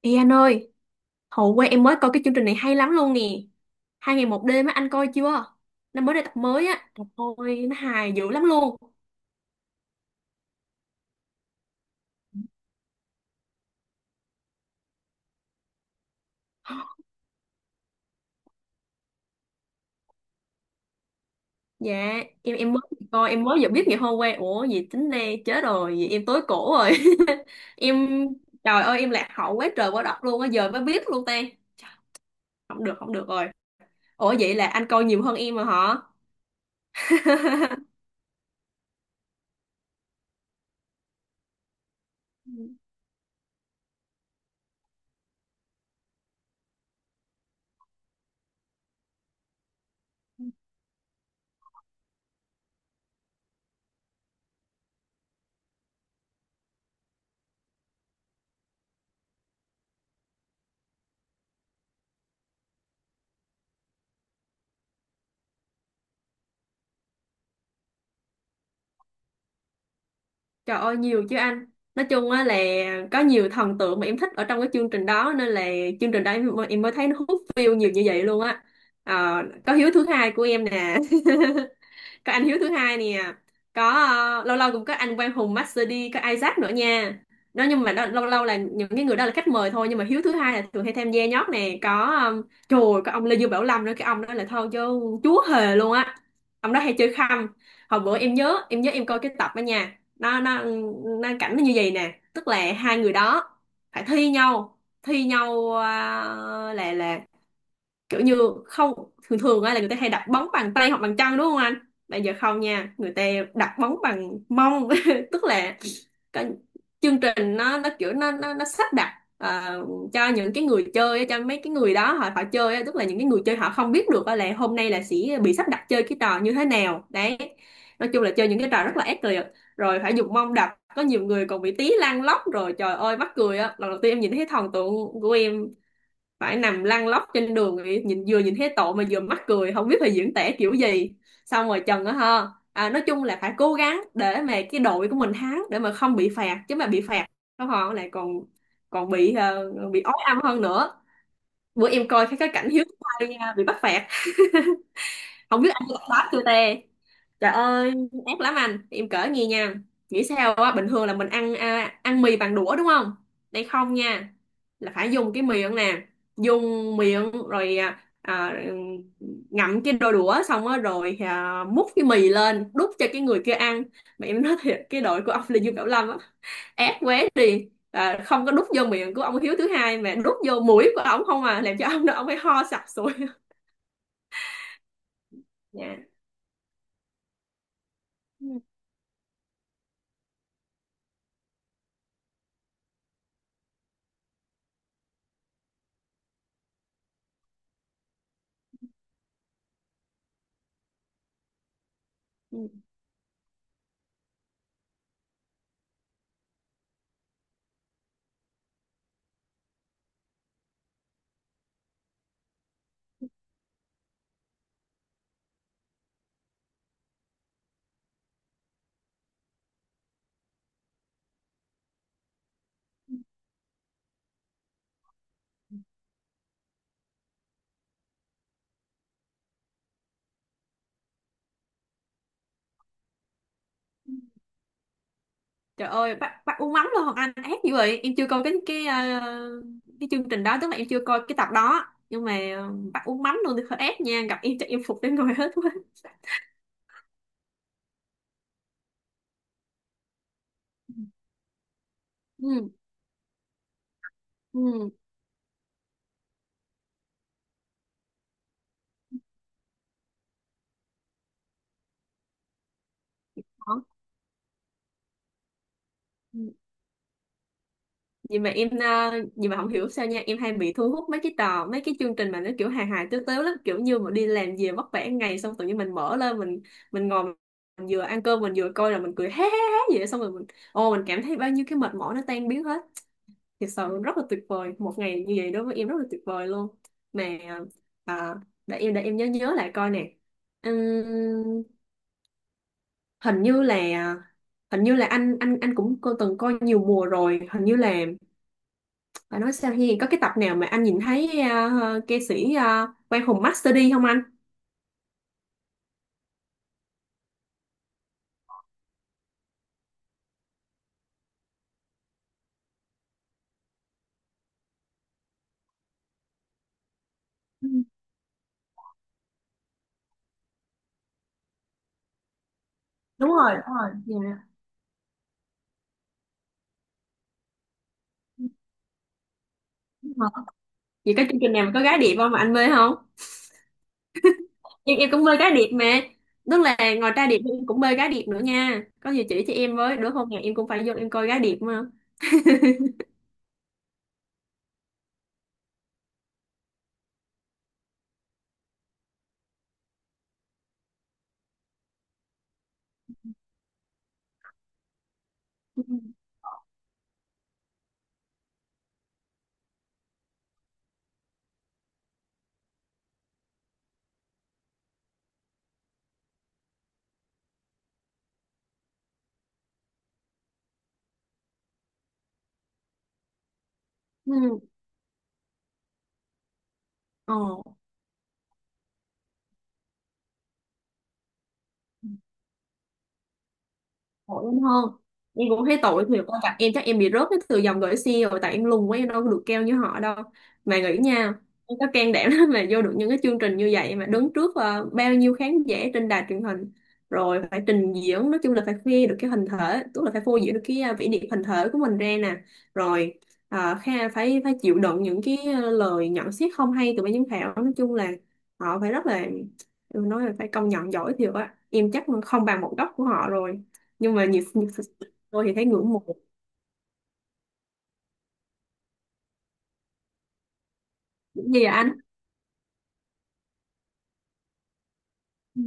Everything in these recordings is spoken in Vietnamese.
Ê anh ơi, hồi qua em mới coi cái chương trình này hay lắm luôn nè. Hai ngày một đêm á, anh coi chưa? Nó mới ra tập mới á, trời ơi, nó hài dữ lắm luôn. Dạ, em mới coi, em mới vừa biết ngày hôm qua. Ủa, gì tính đây, chết rồi, vậy em tối cổ rồi. Em, trời ơi, em lạc hậu quá trời quá đất luôn á, giờ mới biết luôn ta. Trời, không được, không được rồi. Ủa vậy là anh coi nhiều hơn em mà hả? Trời ơi nhiều chứ anh. Nói chung á là có nhiều thần tượng mà em thích ở trong cái chương trình đó, nên là chương trình đó em mới thấy nó hút view nhiều như vậy luôn á. Ờ, có hiếu thứ hai của em nè. Có anh Hiếu thứ hai nè, có lâu lâu cũng có anh Quang Hùng Master D, có Isaac nữa nha. Đó, nhưng mà đó, lâu lâu là những cái người đó là khách mời thôi, nhưng mà Hiếu thứ hai là thường hay tham gia nhót nè, có trời ơi, có ông Lê Dương Bảo Lâm nữa, cái ông đó là thôi chứ chúa hề luôn á. Ông đó hay chơi khăm. Hồi bữa em nhớ em coi cái tập đó nha, nó nó cảnh nó như vậy nè, tức là hai người đó phải thi nhau là kiểu như không thường thường á là người ta hay đặt bóng bằng tay hoặc bằng chân đúng không anh? Bây giờ không nha, người ta đặt bóng bằng mông. Tức là cái chương trình nó kiểu nó sắp đặt ờ, cho những cái người chơi á, cho mấy cái người đó họ họ chơi á, tức là những cái người chơi họ không biết được á là hôm nay là sẽ bị sắp đặt chơi cái trò như thế nào đấy. Nói chung là chơi những cái trò rất là ác liệt, rồi phải dùng mông đập, có nhiều người còn bị tí lăn lóc, rồi trời ơi mắc cười á. Lần đầu tiên em nhìn thấy thần tượng của em phải nằm lăn lóc trên đường thì nhìn, vừa nhìn thấy tội mà vừa mắc cười, không biết phải diễn tả kiểu gì. Xong rồi Trần á ha. À, nói chung là phải cố gắng để mà cái đội của mình thắng để mà không bị phạt, chứ mà bị phạt không họ lại còn còn bị bị ói âm hơn nữa. Bữa em coi cái cảnh Hiếu Mai bị bắt phạt, không biết anh có đáp chưa tê, trời ơi ác lắm anh, em cỡ nghe nha. Nghĩ sao á, bình thường là mình ăn ăn mì bằng đũa đúng không? Đây không nha, là phải dùng cái miệng nè, dùng miệng rồi ngậm cái đôi đũa xong á rồi múc cái mì lên đút cho cái người kia ăn. Mà em nói thiệt, cái đội của ông là Dương Cẩm Lâm á, ác quá đi, không có đút vô miệng của ông Hiếu thứ hai mà đút vô mũi của ông không à, làm cho ông đó ông phải ho sặc sụi nha. Trời ơi, bác uống mắm luôn, Hoàng Anh ác dữ vậy. Em chưa coi cái cái chương trình đó, tức là em chưa coi cái tập đó. Nhưng mà ờ, bác uống mắm luôn thì hơi ác nha, gặp em chắc em phục đến người hết quá. Ừ, ừ, đó. Ừ. Vậy mà em vậy mà không hiểu sao nha, em hay bị thu hút mấy cái tờ, mấy cái chương trình mà nó kiểu hài hài tếu tếu lắm, kiểu như mà đi làm về vất vả ngày xong tự nhiên mình mở lên mình ngồi, mình vừa ăn cơm mình vừa coi là mình cười hé hé hé vậy, xong rồi mình ô mình cảm thấy bao nhiêu cái mệt mỏi nó tan biến hết. Thực sự rất là tuyệt vời, một ngày như vậy đối với em rất là tuyệt vời luôn. Mà à, để em nhớ nhớ lại coi nè. Ừm, hình như là hình như là anh cũng cô từng coi nhiều mùa rồi, hình như là phải nói sao hiền, có cái tập nào mà anh nhìn thấy ca sĩ à, Quang Hùng Master D không anh? Ừ, đúng rồi. Dạ. Đúng rồi. Vậy có chương trình nào mà có gái đẹp không mà anh mê không? Nhưng em cũng bơi cá điệp mà, tức là ngoài ra điệp thì em cũng bơi cá điệp nữa nha, có gì chỉ cho em với, đứa hôm nào em cũng phải vô em coi cá điệp mà. Ừ. Ừ. Ờ. Tội em hơn, em cũng thấy tội thiệt, con gặp em chắc em bị rớt cái từ dòng gửi xe rồi, tại em lùn quá, em đâu có được keo như họ đâu. Mà nghĩ nha, em có can đảm lắm mà vô được những cái chương trình như vậy, mà đứng trước ờ, bao nhiêu khán giả trên đài truyền hình, rồi phải trình diễn, nói chung là phải khoe được cái hình thể, tức là phải phô diễn được cái vẻ đẹp hình thể của mình ra nè, rồi kha phải phải chịu đựng những cái lời nhận xét không hay từ ban giám khảo. Nói chung là họ phải rất là, em nói là phải công nhận giỏi thiệt á, em chắc không bằng một góc của họ rồi. Nhưng mà nhiều tôi thì thấy ngưỡng mộ cũng như là anh. Ừ.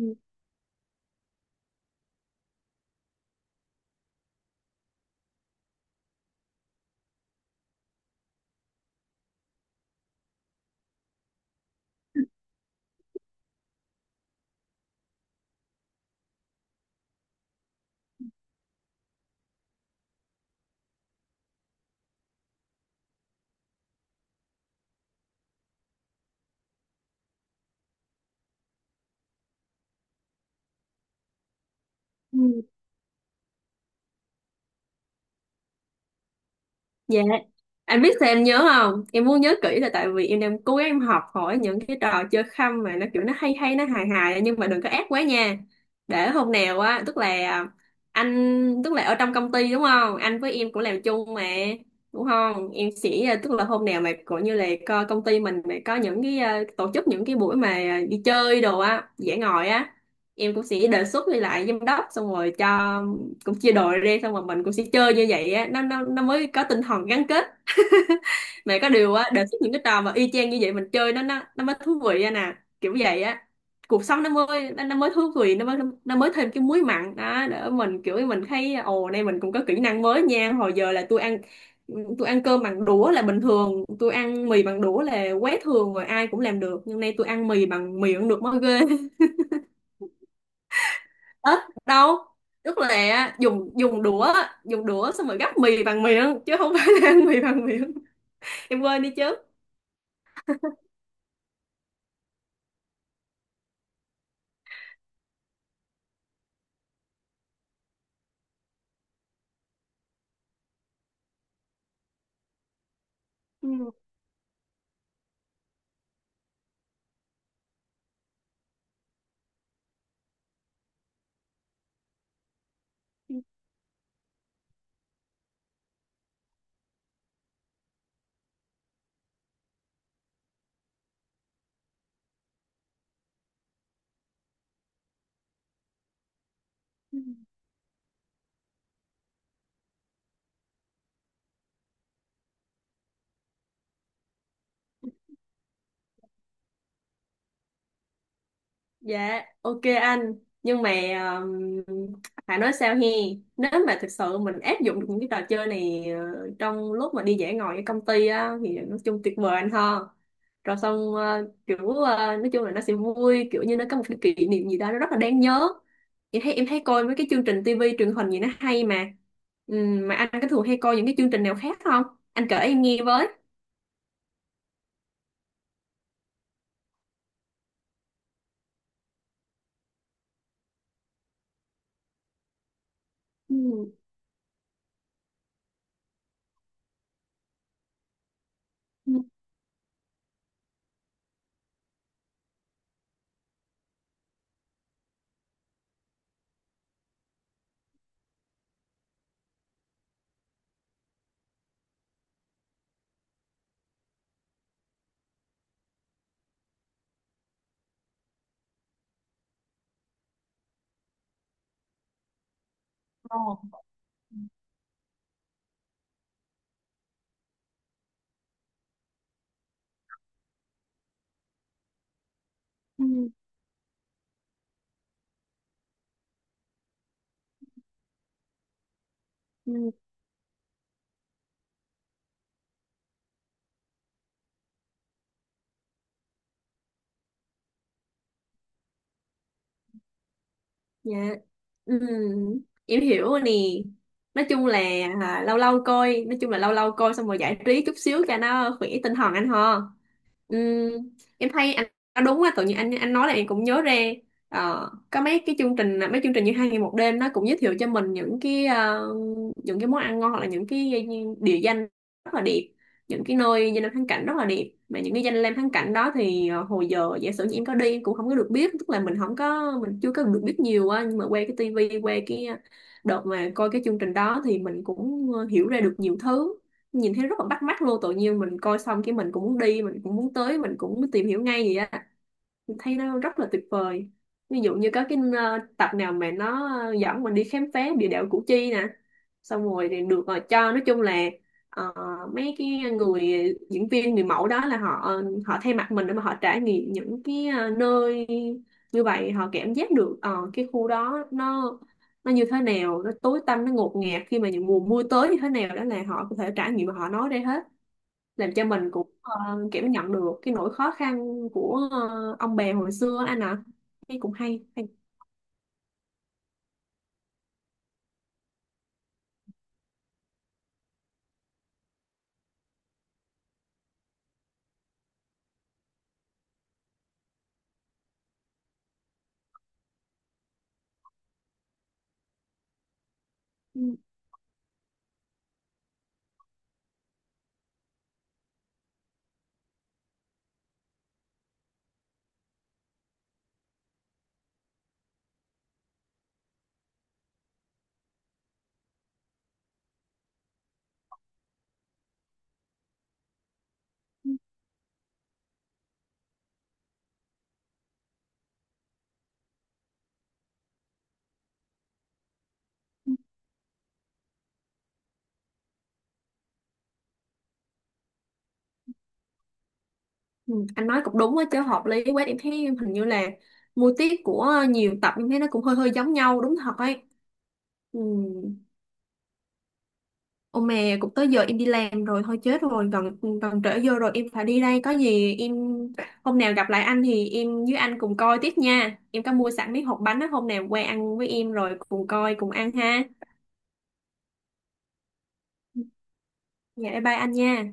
Ừ. Dạ, anh biết sao em nhớ không? Em muốn nhớ kỹ là tại vì em đang cố gắng em học hỏi những cái trò chơi khăm mà nó kiểu nó hay hay, nó hài hài nhưng mà đừng có ác quá nha. Để hôm nào á, tức là anh, tức là ở trong công ty đúng không? Anh với em cũng làm chung mà, đúng không? Em sẽ, à, tức là hôm nào mà cũng như là công ty mình mà có những cái ờ, tổ chức những cái buổi mà à, đi chơi đồ á, dã ngoại á, em cũng sẽ đề xuất đi lại giám đốc, xong rồi cho cũng chia đội ra, xong rồi mình cũng sẽ chơi như vậy á, nó mới có tinh thần gắn kết. Mà có điều á, đề xuất những cái trò mà y chang như vậy mình chơi nó mới thú vị á nè, kiểu vậy á. Cuộc sống nó mới nó mới thú vị, nó mới thêm cái muối mặn đó, để mình kiểu mình thấy ồ, nay mình cũng có kỹ năng mới nha. Hồi giờ là tôi ăn cơm bằng đũa là bình thường, tôi ăn mì bằng đũa là quá thường rồi, ai cũng làm được, nhưng nay tôi ăn mì bằng miệng được mới ghê. Tết đâu, tức là dùng dùng đũa á, dùng đũa xong rồi gắp mì bằng miệng chứ không phải là ăn mì bằng miệng, em quên đi chứ. Ừ. Dạ, ok anh. Nhưng mà um, phải nói sao he, nếu mà thực sự mình áp dụng được những cái trò chơi này trong lúc mà đi dã ngoại ở công ty á thì nói chung tuyệt vời anh ha. Rồi xong kiểu nói chung là nó sẽ vui, kiểu như nó có một cái kỷ niệm gì đó nó rất là đáng nhớ. Em thấy coi mấy cái chương trình tivi truyền hình gì nó hay mà. Mà anh có thường hay coi những cái chương trình nào khác không? Anh kể em nghe với. Ừ. Ừ. Ừ. Ừ. Dạ. Ừ, em hiểu rồi nè. Nói chung là lâu lâu coi, nói chung là lâu lâu coi xong rồi giải trí chút xíu cho nó khỏe tinh thần anh ho. Ừ, em thấy anh nói đúng á, tự nhiên anh nói là em cũng nhớ ra. Ờ, có mấy cái chương trình, mấy chương trình như hai ngày một đêm nó cũng giới thiệu cho mình những cái những cái món ăn ngon, hoặc là những cái địa danh rất là đẹp, những cái nơi danh lam thắng cảnh rất là đẹp, mà những cái danh lam thắng cảnh đó thì ờ, hồi giờ giả sử như em có đi em cũng không có được biết, tức là mình chưa có được biết nhiều á, nhưng mà qua cái tivi qua cái đợt mà coi cái chương trình đó thì mình cũng ờ, hiểu ra được nhiều thứ, nhìn thấy rất là bắt mắt luôn, tự nhiên mình coi xong cái mình cũng muốn đi, mình cũng muốn tới, mình cũng muốn tìm hiểu ngay vậy á, mình thấy nó rất là tuyệt vời. Ví dụ như có cái ờ, tập nào mà nó dẫn mình đi khám phá địa đạo Củ Chi nè, xong rồi thì được ờ, cho nói chung là ờ, mấy cái người diễn viên người mẫu đó là họ họ thay mặt mình để mà họ trải nghiệm những cái ờ, nơi như vậy, họ cảm giác được ờ, cái khu đó nó như thế nào, nó tối tăm, nó ngột ngạt khi mà những mùa mưa tới như thế nào, đó là họ có thể trải nghiệm và họ nói ra hết, làm cho mình cũng kiểu nhận được cái nỗi khó khăn của ờ, ông bè hồi xưa anh ạ, thấy cũng hay. Ừ. Ừ, anh nói cũng đúng á chứ, hợp lý quá, em thấy hình như là mô típ của nhiều tập em thấy nó cũng hơi hơi giống nhau đúng thật ấy. Ừ. Ô mẹ, cũng tới giờ em đi làm rồi, thôi chết rồi, gần gần trễ giờ rồi, em phải đi đây, có gì em hôm nào gặp lại anh thì em với anh cùng coi tiếp nha, em có mua sẵn mấy hộp bánh á, hôm nào qua ăn với em rồi cùng coi cùng ăn ha. Ừ, dạ bye bye anh nha.